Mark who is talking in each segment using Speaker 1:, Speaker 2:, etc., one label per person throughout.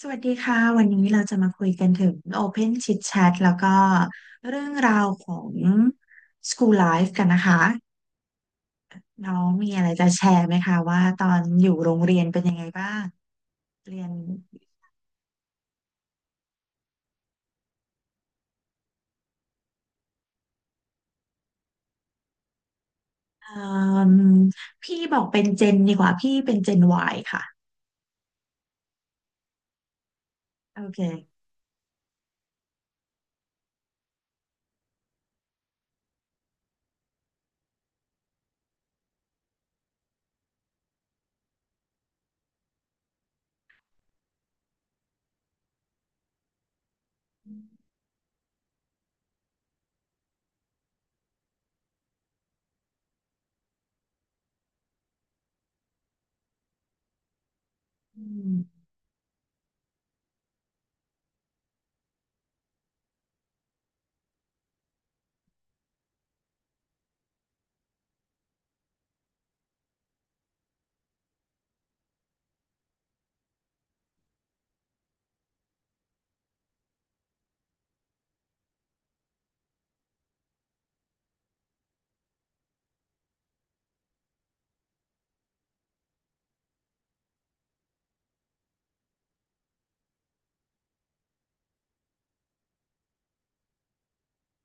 Speaker 1: สวัสดีค่ะวันนี้เราจะมาคุยกันถึง Open Chit Chat แล้วก็เรื่องราวของ School Life กันนะคะน้องมีอะไรจะแชร์ไหมคะว่าตอนอยู่โรงเรียนเป็นยังไงบ้างเรียนเอ่มพี่บอกเป็นเจนดีกว่าพี่เป็นเจน Y ค่ะโอเคอืม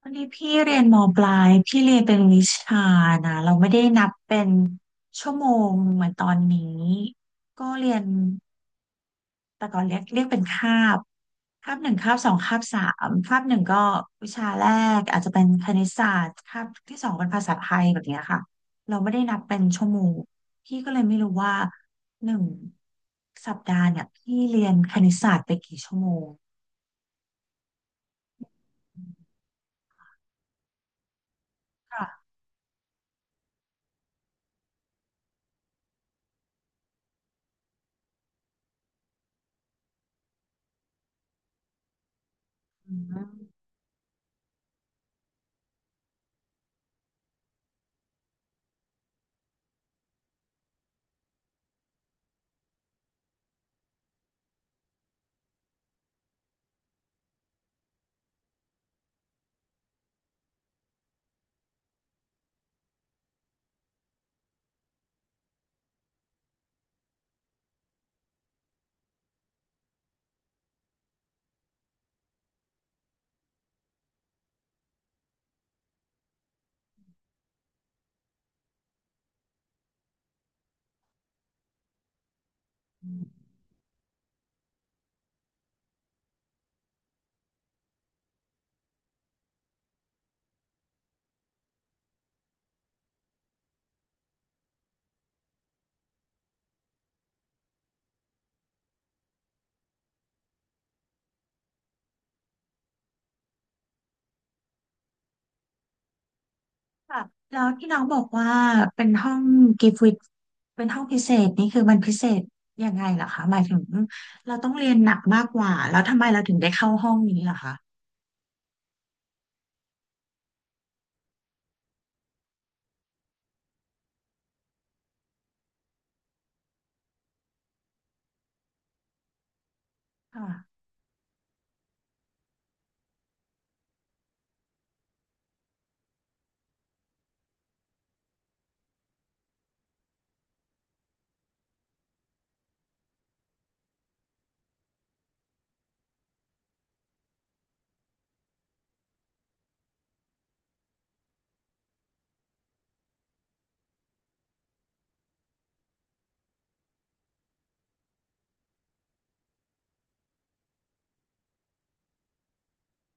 Speaker 1: วันนี้พี่เรียนมปลายพี่เรียนเป็นวิชานะเราไม่ได้นับเป็นชั่วโมงเหมือนตอนนี้ก็เรียน แต่ก่อนเรียกเป็นคาบคาบหนึ่งคาบสองคาบสามคาบหนึ่งก็วิชาแรกอาจจะเป็นคณิตศาสตร์คาบที่สองเป็นภาษาไทยแบบเนี้ยค่ะเราไม่ได้นับเป็นชั่วโมงพี่ก็เลยไม่รู้ว่าหนึ่งสัปดาห์เนี่ยพี่เรียนคณิตศาสตร์ไปกี่ชั่วโมงค่ะอืมค่ะแล้วที่น้องบอกว่าเป็นห้องกิฟต์วิดเป็นห้องพิเศษนี่คือมันพิเศษยังไงเหรอคะหมายถึงเราต้องเรียนหนักมากกว่าแล้วทำไมเราถึงได้เข้าห้องนี้ล่ะ ค่ะ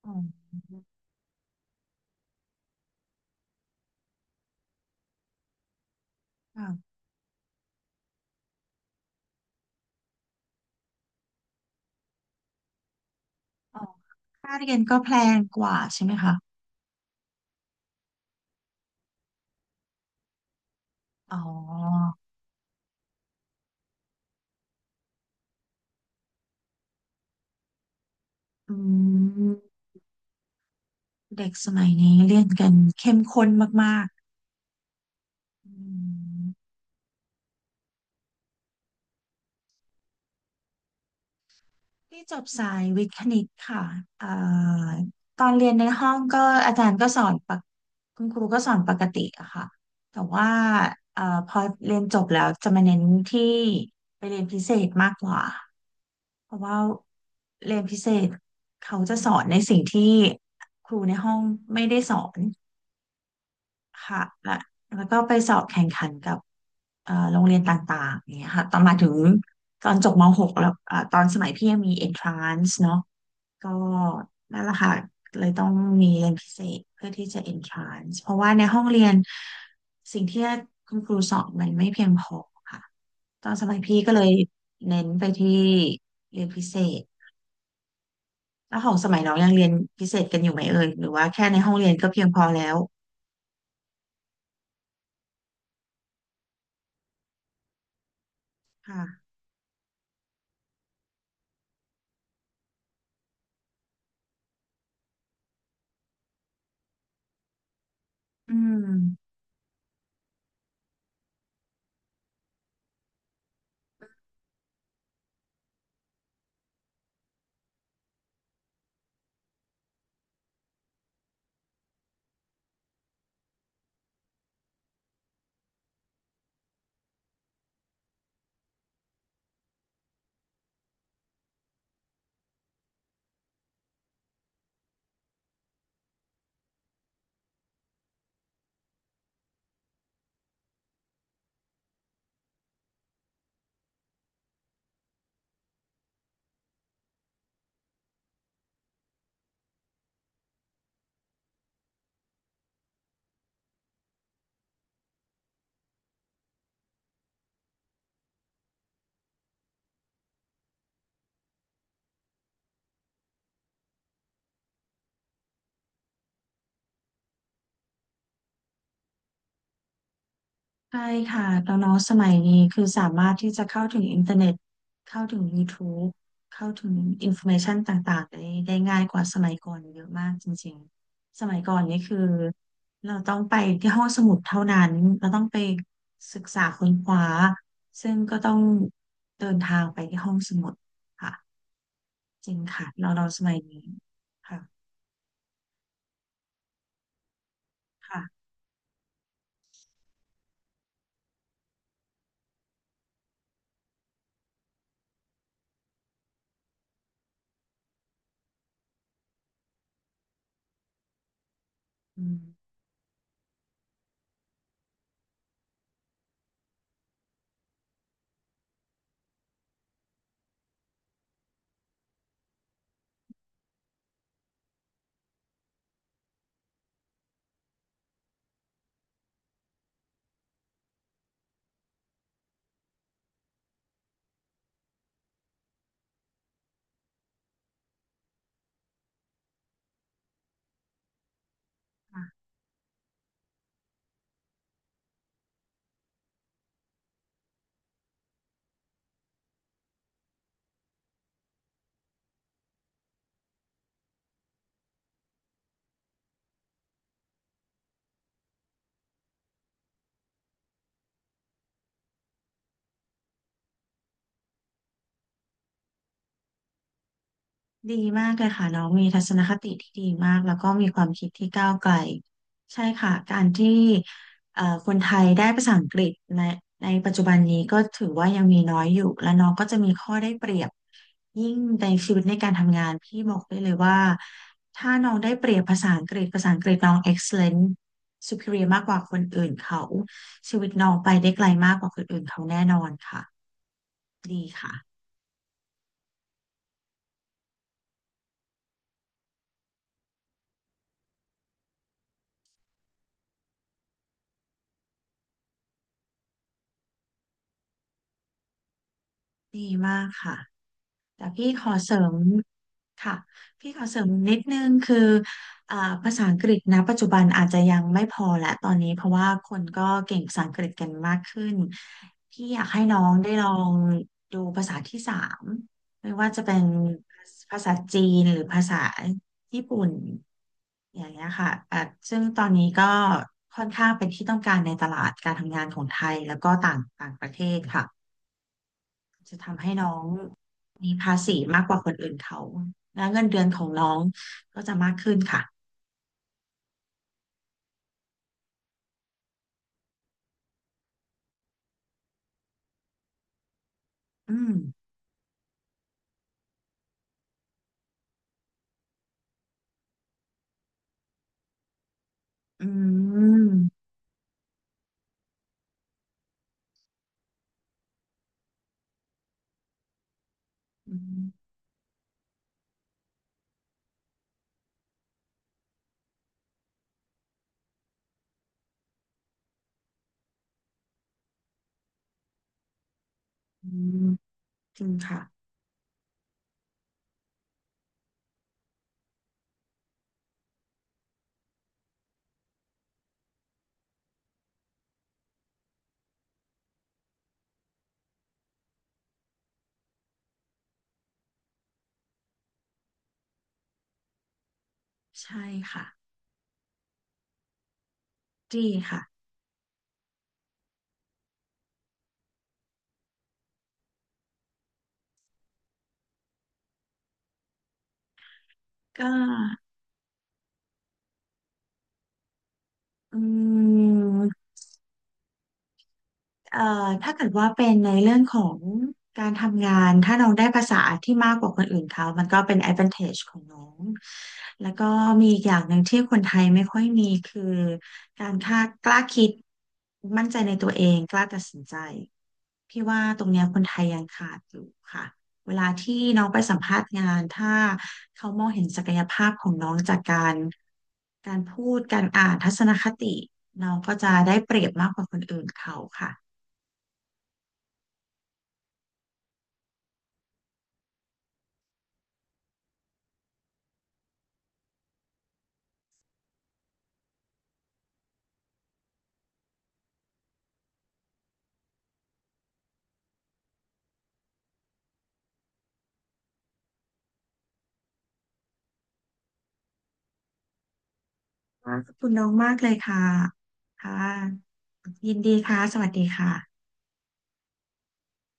Speaker 1: อ๋อค่ะอ๋อค่าเรียนก็แพงกว่าใช่ไหมคะอ๋ออืมเด็กสมัยนี้เรียนกันเข้มข้นมากๆอืม ที่จบสายวิทย์คณิตค่ะเอ่อตอนเรียนในห้องก็อาจารย์ก็สอนคุณครูก็สอนปกติอะค่ะแต่ว่าพอเรียนจบแล้วจะมาเน้นที่ไปเรียนพิเศษมากกว่าเพราะว่าเรียนพิเศษเขาจะสอนในสิ่งที่ครูในห้องไม่ได้สอนค่ะและแล้วก็สอบแข่งขันกับโรงเรียนต่างๆอย่างเงี้ยค่ะตอนมาถึงตอนจบมหกแล้วตอนสมัยพี่ยังมี entrance เนาะ ก็นั่นแหละค่ะเลยต้องมีเรียนพิเศษเพื่อที่จะ entrance เพราะว่าในห้องเรียนสิ่งที่คุณครูสอนมันไม่เพียงพอค่ะตอนสมัยพี่ก็เลยเน้นไปที่เรียนพิเศษแล้วของสมัยน้องยังเรียนพิเศษกันอยู่ไหมเอ่ยหรือว่าแค่ในห้องเรียนก็เพียงพอแล้วค่ะอืม ใช่ค่ะแล้วเนาะสมัยนี้คือสามารถที่จะเข้าถึงอินเทอร์เน็ตเข้าถึงยูทูบเข้าถึงอินโฟเมชันต่างๆได้ได้ง่ายกว่าสมัยก่อนเยอะมากจริงๆสมัยก่อนนี่คือเราต้องไปที่ห้องสมุดเท่านั้นเราต้องไปศึกษาค้นคว้าซึ่งก็ต้องเดินทางไปที่ห้องสมุดค่ะจริงค่ะเราสมัยนี้ค่ะค่ะอืม ดีมากเลยค่ะน้องมีทัศนคติที่ดีมากแล้วก็มีความคิดที่ก้าวไกลใช่ค่ะการที่คนไทยได้ภาษาอังกฤษในปัจจุบันนี้ก็ถือว่ายังมีน้อยอยู่และน้องก็จะมีข้อได้เปรียบยิ่งในชีวิตในการทำงานพี่บอกได้เลยว่าถ้าน้องได้เปรียบภาษาอังกฤษภาษาอังกฤษน้อง excellent superior มากกว่าคนอื่นเขาชีวิตน้องไปได้ไกลมากกว่าคนอื่นเขาแน่นอนค่ะดีค่ะดีมากค่ะ แต่พี่ขอเสริมค่ะพี่ขอเสริมนิดนึงคืออ่าภาษาอังกฤษนะปัจจุบันอาจจะยังไม่พอแหละตอนนี้เพราะว่าคนก็เก่งภาษาอังกฤษกันมากขึ้นพี่อยากให้น้องได้ลองดูภาษาที่สามไม่ว่าจะเป็นภาษาจีนหรือภาษาญี่ปุ่นอย่างเงี้ยค่ะอ่ะซึ่งตอนนี้ก็ค่อนข้างเป็นที่ต้องการในตลาดการทำงานของไทยแล้วก็ต่างต่างประเทศค่ะ จะทำให้น้องมีภาษีมากกว่าคนอื่นเขาแล้เงินเดือนของน้องก็จะมากขึ้นค่ะ อืม อืม อืมอืมจริงค่ะ ใช่ค่ะ ดีค่ะ ก็อืม เอ่อถ้าเกิดว่าเป็นในเรื่องของการทำงานถ้าน้องได้ภาษาที่มากกว่าคนอื่นเขามันก็เป็น advantage ของน้อง แล้วก็มีอีกอย่างหนึ่งที่คนไทยไม่ค่อยมีคือการค่ากล้าคิด มั่นใจในตัวเองกล้าตัดสินใจพี่ว่าตรงเนี้ยคนไทยยังขาดอยู่ค่ะเวลาที่น้องไปสัมภาษณ์งานถ้าเขามองเห็นศักยภาพของน้องจากการพูดการอ่านทัศนคติน้องก็จะได้เปรียบมากกว่าคนอื่นเขาค่ะ ค่ะขอบคุณน้องมากเลยค่ะค่ะ ยินดีค่ะ สวัสดีค่ะ